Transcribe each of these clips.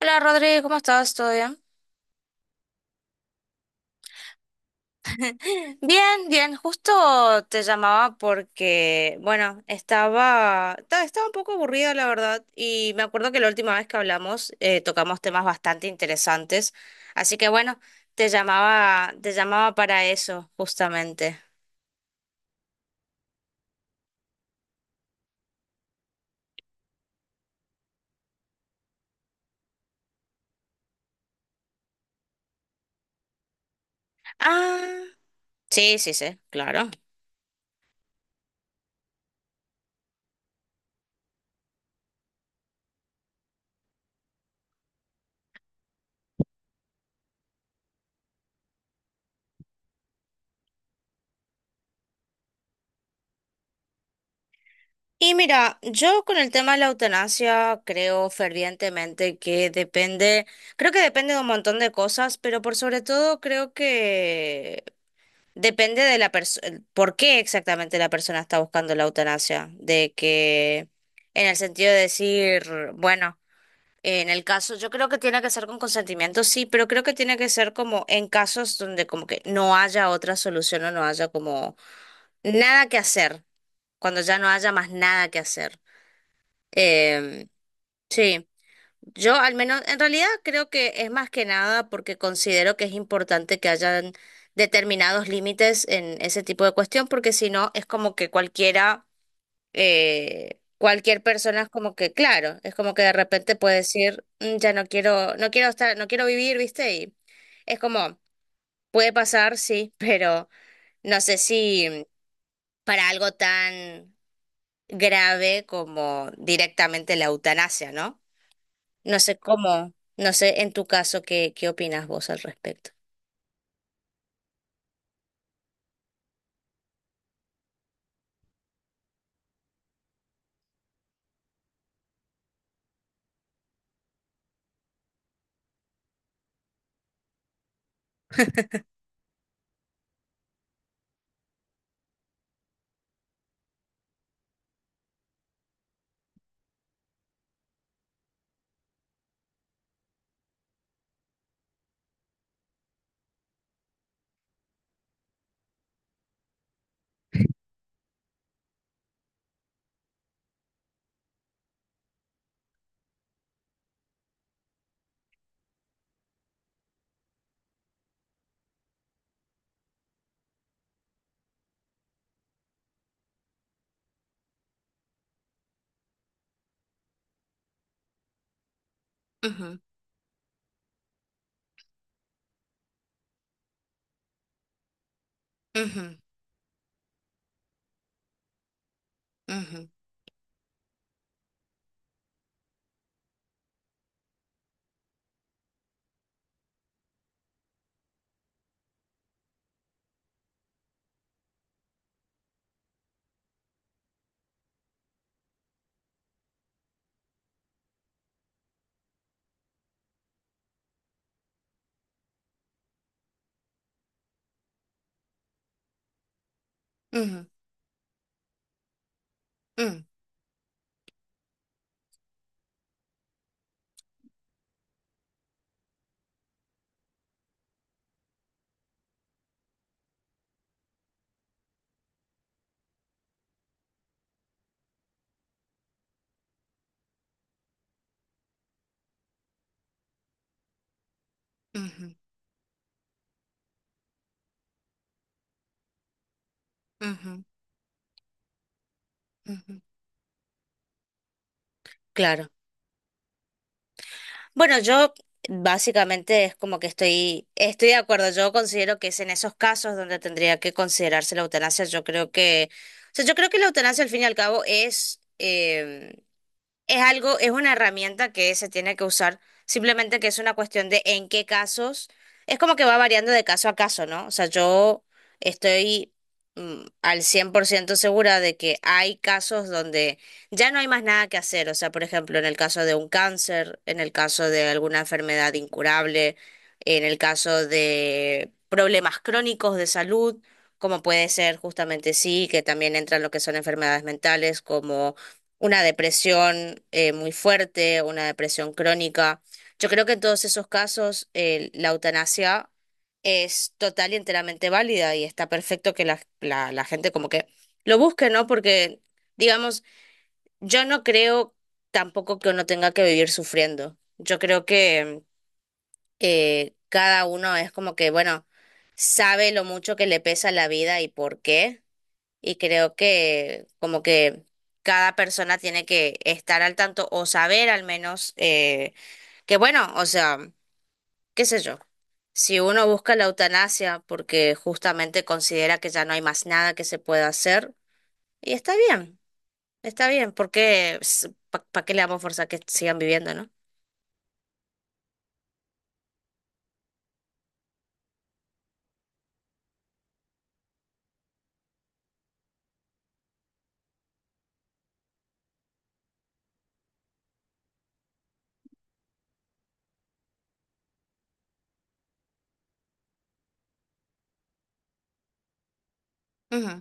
Hola Rodri, ¿cómo estás? ¿Todo bien? Bien, bien, justo te llamaba porque, bueno, estaba un poco aburrida, la verdad, y me acuerdo que la última vez que hablamos tocamos temas bastante interesantes, así que bueno, te llamaba para eso justamente. Ah, sí, sí, sí, claro. Y mira, yo con el tema de la eutanasia creo fervientemente que depende, creo que depende de un montón de cosas, pero por sobre todo creo que depende de la persona, por qué exactamente la persona está buscando la eutanasia, de que en el sentido de decir, bueno, en el caso, yo creo que tiene que ser con consentimiento, sí, pero creo que tiene que ser como en casos donde como que no haya otra solución o no haya como nada que hacer, cuando ya no haya más nada que hacer. Em, sí, yo al menos, en realidad, creo que es más que nada porque considero que es importante que hayan determinados límites en ese tipo de cuestión, porque si no es como que cualquiera, cualquier persona es como que, claro, es como que de repente puede decir, "Mm, ya no quiero, no quiero estar, no quiero vivir, ¿viste?" Y es como, puede pasar, sí, pero no sé si para algo tan grave como directamente la eutanasia, ¿no? No sé cómo, no sé en tu caso qué, qué opinas vos al respecto. Ujú, ujú, ujú, ujú, mm, ujú, ujú, ujú. Claro. Bueno, yo básicamente es como que estoy de acuerdo. Yo considero que es en esos casos donde tendría que considerarse la eutanasia. Yo creo que, o sea, yo creo que la eutanasia al fin y al cabo es es algo, es una herramienta que se tiene que usar, simplemente que es una cuestión de en qué casos, es como que va variando de caso a caso, ¿no? O sea, yo estoy al 100% segura de que hay casos donde ya no hay más nada que hacer, o sea, por ejemplo, en el caso de un cáncer, en el caso de alguna enfermedad incurable, en el caso de problemas crónicos de salud, como puede ser, justamente, sí, que también entran lo que son enfermedades mentales, como una depresión muy fuerte, una depresión crónica. Yo creo que en todos esos casos la eutanasia es total y enteramente válida, y está perfecto que la gente como que lo busque, ¿no? Porque, digamos, yo no creo tampoco que uno tenga que vivir sufriendo. Yo creo que cada uno es como que, bueno, sabe lo mucho que le pesa la vida y por qué. Y creo que como que cada persona tiene que estar al tanto o saber al menos que bueno, o sea, qué sé yo, si uno busca la eutanasia porque justamente considera que ya no hay más nada que se pueda hacer, y está bien, porque ¿para qué le damos fuerza a que sigan viviendo, no? Ujú,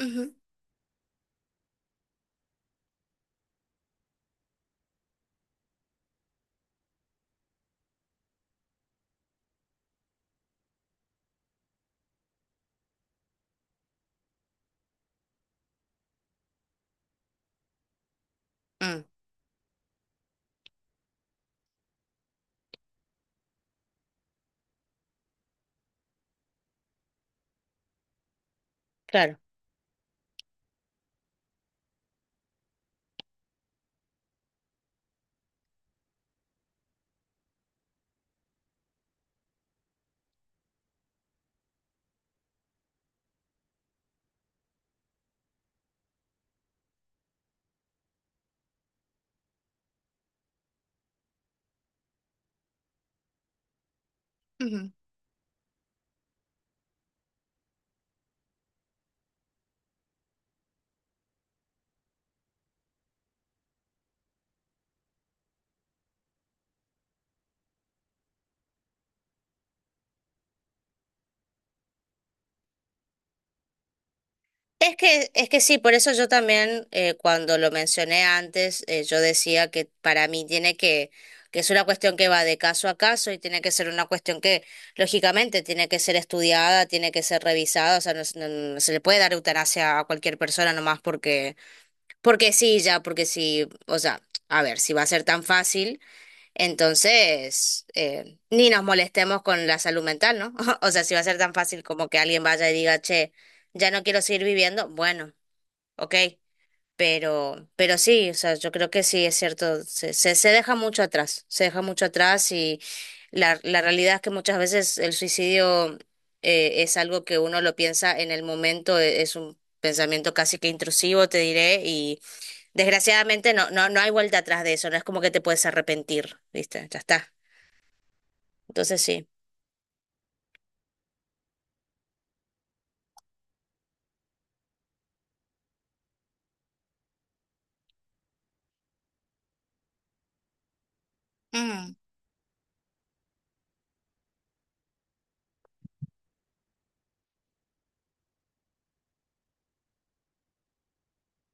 ujú, mm, claro. Es que sí, por eso yo también, cuando lo mencioné antes, yo decía que para mí tiene que es una cuestión que va de caso a caso y tiene que ser una cuestión que, lógicamente, tiene que ser estudiada, tiene que ser revisada, o sea, no, no se le puede dar eutanasia a cualquier persona nomás porque, porque sí, ya, porque sí, o sea, a ver, si va a ser tan fácil, entonces ni nos molestemos con la salud mental, ¿no? O sea, si va a ser tan fácil como que alguien vaya y diga, che, ya no quiero seguir viviendo, bueno. ¿Ok? Pero sí, o sea, yo creo que sí, es cierto, se deja mucho atrás, se deja mucho atrás, y la realidad es que muchas veces el suicidio es algo que uno lo piensa en el momento, es un pensamiento casi que intrusivo, te diré, y desgraciadamente no hay vuelta atrás de eso, no es como que te puedes arrepentir, ¿viste? Ya está. Entonces sí. Mm,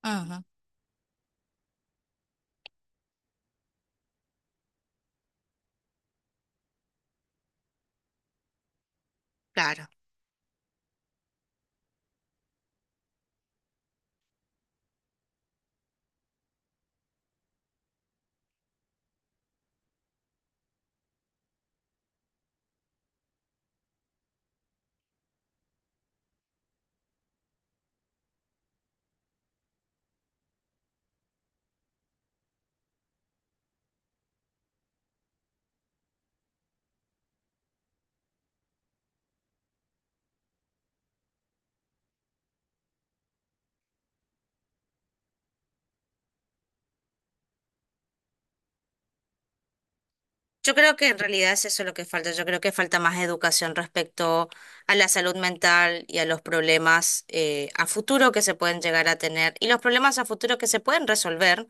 ujú, claro. Yo creo que en realidad es eso lo que falta. Yo creo que falta más educación respecto a la salud mental y a los problemas a futuro que se pueden llegar a tener, y los problemas a futuro que se pueden resolver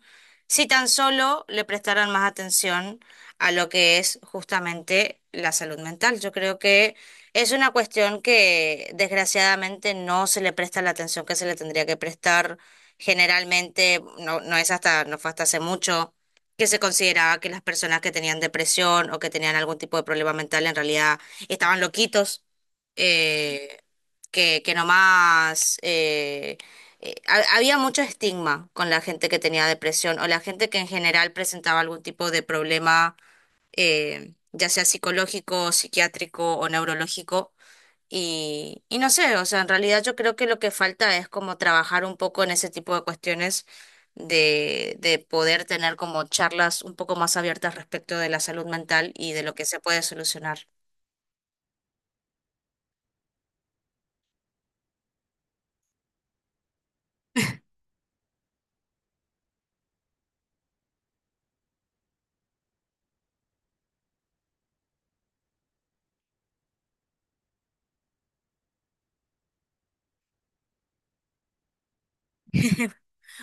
si tan solo le prestaran más atención a lo que es justamente la salud mental. Yo creo que es una cuestión que desgraciadamente no se le presta la atención que se le tendría que prestar generalmente. No, no es hasta, no fue hasta hace mucho que se consideraba que las personas que tenían depresión o que tenían algún tipo de problema mental en realidad estaban loquitos, eh, que nomás había mucho estigma con la gente que tenía depresión o la gente que en general presentaba algún tipo de problema, ya sea psicológico, psiquiátrico o neurológico, y no sé, o sea, en realidad, yo creo que lo que falta es como trabajar un poco en ese tipo de cuestiones, de poder tener como charlas un poco más abiertas respecto de la salud mental y de lo que se puede solucionar.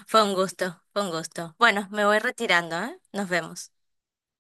Fue un gusto, fue un gusto. Bueno, me voy retirando, ¿eh? Nos vemos.